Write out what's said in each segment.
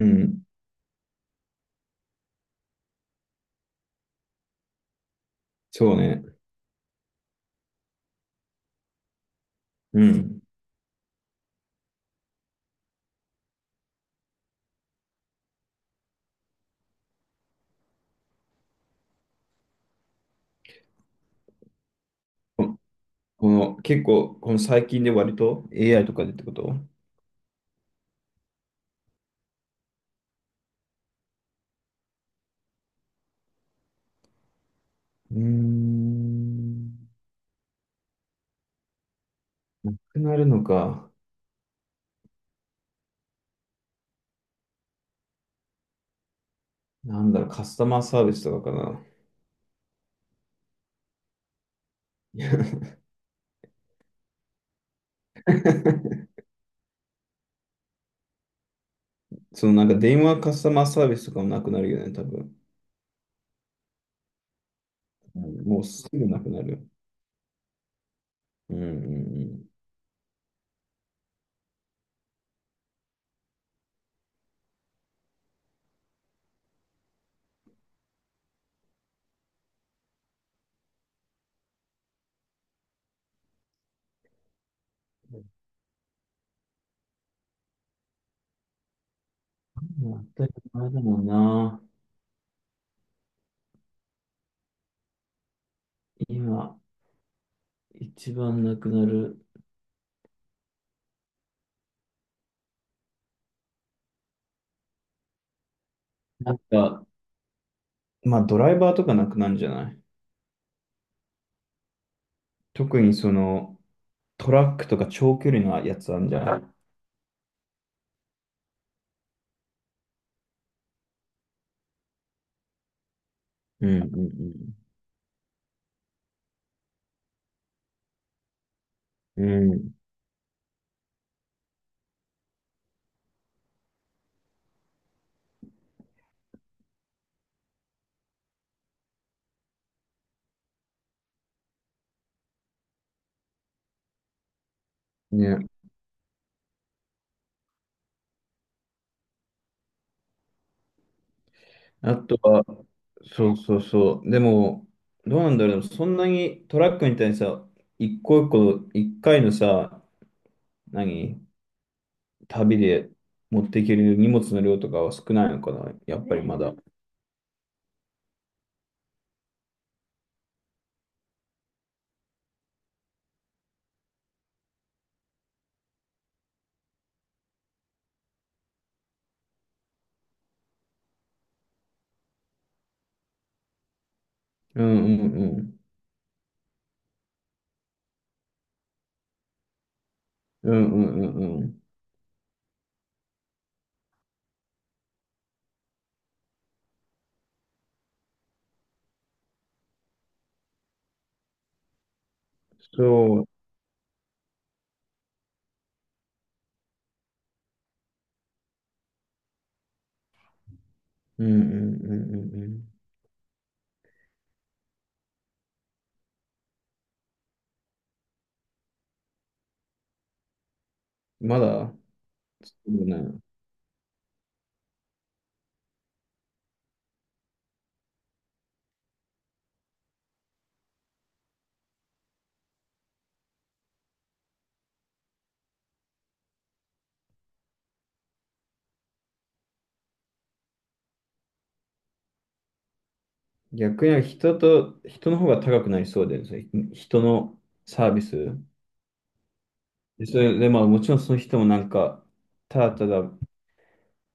うん、そうね。うん。ここの、結構、この最近で割と AI とかでってこと。うーん。なくなるのか。カスタマーサービスとかかな。いや。 そのなんか電話カスタマーサービスとかもなくなるよね、多分。うん、もうすぐなくなる。うんうんうん。当たり前だもんな。今、一番なくなる。なんか、まあドライバーとかなくなるんじゃない？特にその、トラックとか長距離のやつあるんじゃない？うんうんうん。うん。ね。あとは、そうそうそう。でも、どうなんだろう。そんなにトラックみたいにさ、一個一個、一回のさ、何、旅で持っていける荷物の量とかは少ないのかな。やっぱりまだ。うんうんうん。うんうんうんうん。そう。うんうんうんうんうん。まだ、そうね。逆に人と、人の方が高くなりそうで、それ人のサービス。でそれで、まあもちろんその人もなんか、ただただ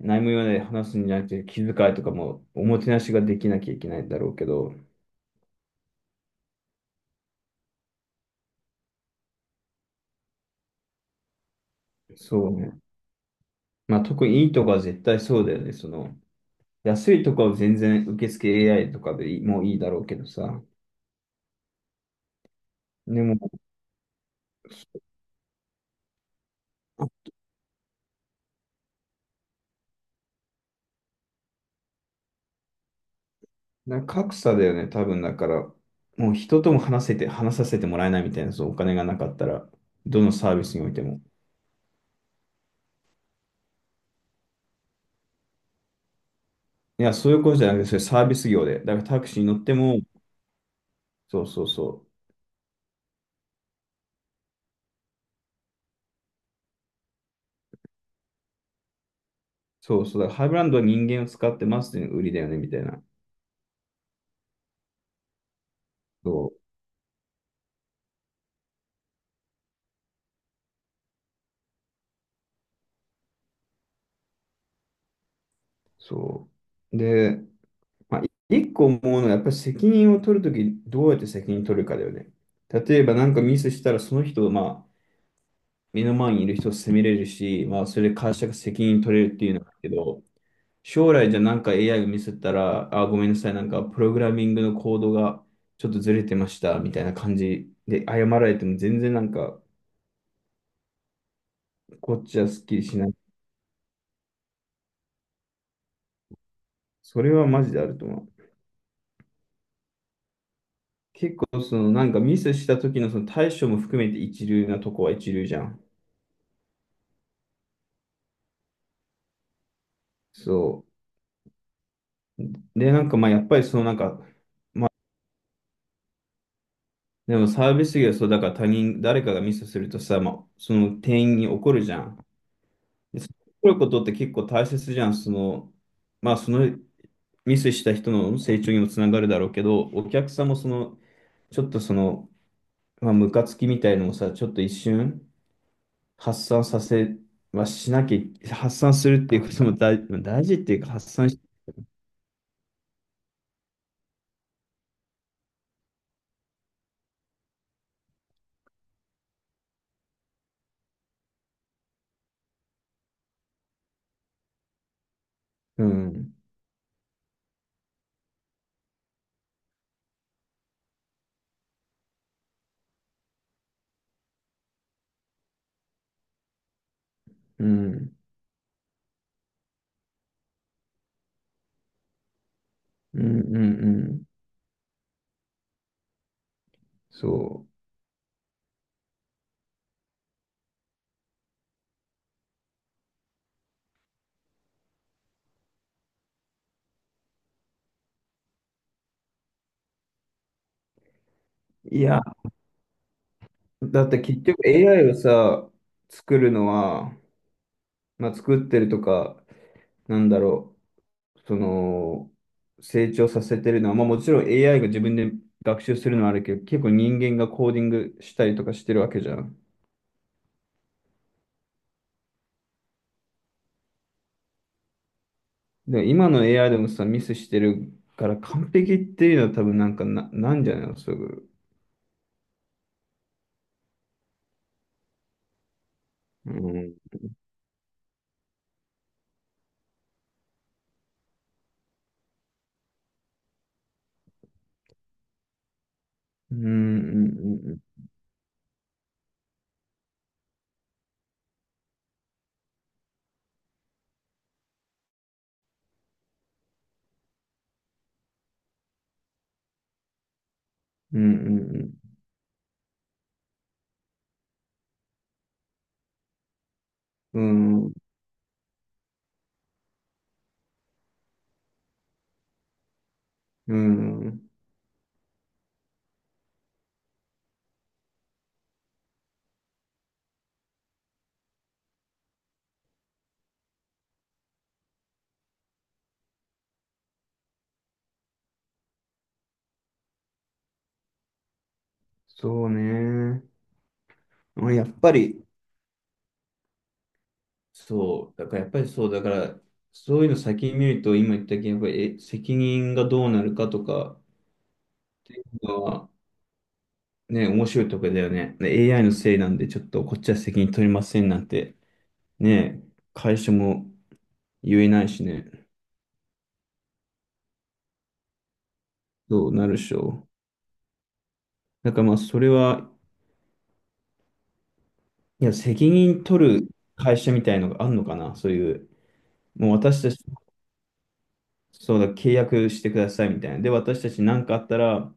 何も言わないで話すんじゃなくて、気遣いとかもおもてなしができなきゃいけないんだろうけど、そうね。まあ特にいいとこは絶対そうだよね。その、安いとこは全然受付 AI とかでいい、もういいだろうけどさ。でも、な格差だよね、多分だから、もう人とも話せて、話させてもらえないみたいな、そう、お金がなかったら、どのサービスにおいても。いや、そういうことじゃなくて、それサービス業で。だからタクシーに乗っても、そうそうそう。そうそう。だからハイブランドは人間を使ってますっていうのが売りだよね、みたいな。そう。そう。で、まあ、一個思うのは、やっぱり責任を取るとき、どうやって責任取るかだよね。例えばなんかミスしたら、その人を、まあ、目の前にいる人を責めれるし、まあ、それで会社が責任取れるっていうのがあるけど、将来じゃなんか AI がミスったら、あ、ごめんなさい、なんかプログラミングのコードがちょっとずれてました、みたいな感じで謝られても全然なんか、こっちはスッキリしない。それはマジであると思う。結構そのなんかミスした時のその対処も含めて一流なとこは一流じゃん。そう。で、なんかまあやっぱりそのなんか、でもサービス業はそうだから他人、誰かがミスするとさ、まあ、その店員に怒るじゃん。で、怒ることって結構大切じゃん。その、まあそのミスした人の成長にもつながるだろうけど、お客さんもその、ちょっとその、まあ、ムカつきみたいのもさ、ちょっと一瞬発散させはしなきゃ、発散するっていうことも大、まあ大事っていうか、発散し、うん、うん、うん、うん、うん、そう。いや、だって結局 AI をさ、作るのは、まあ、作ってるとか、なんだろう。その、成長させてるのは、まあもちろん AI が自分で学習するのはあるけど、結構人間がコーディングしたりとかしてるわけじゃん。で、今の AI でもさ、ミスしてるから完璧っていうのは多分なんかな、なんじゃないの、すぐ。うん。うん、うん、うん、うん、うん、うん、うん、そうね。まあやっぱり、そう、だからやっぱりそう、だから、そういうの先に見ると、今言ったけど、やっぱりえ責任がどうなるかとか、ね、面白いとこだよね。ね AI のせいなんで、ちょっとこっちは責任取りませんなんて、ね、会社も言えないしね、どうなるでしょう。だからまあ、それは、いや、責任取る会社みたいのがあるのかな、そういう、もう私たち、そうだ、契約してくださいみたいな。で、私たち何かあったら、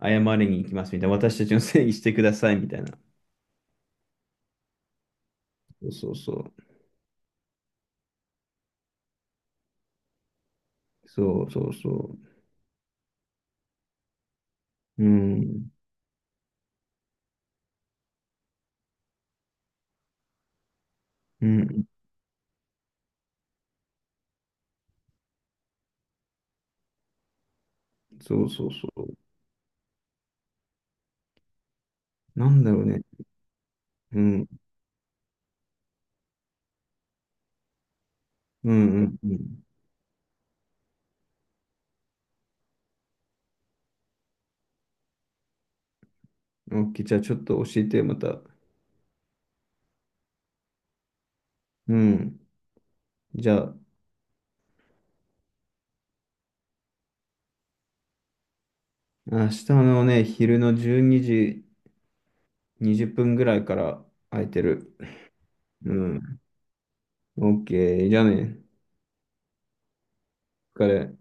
謝りに行きますみたいな。私たちのせいにしてくださいみたいな。そうそうそう。そうそうそう。うん。うん。そうそうそう。なんだろうね。うん。うんうんうん。OK、じゃあちょっと教えて、また。うん。じゃあ、明日のね、昼の12時20分ぐらいから空いてる。うん。OK、じゃあね、お疲れ。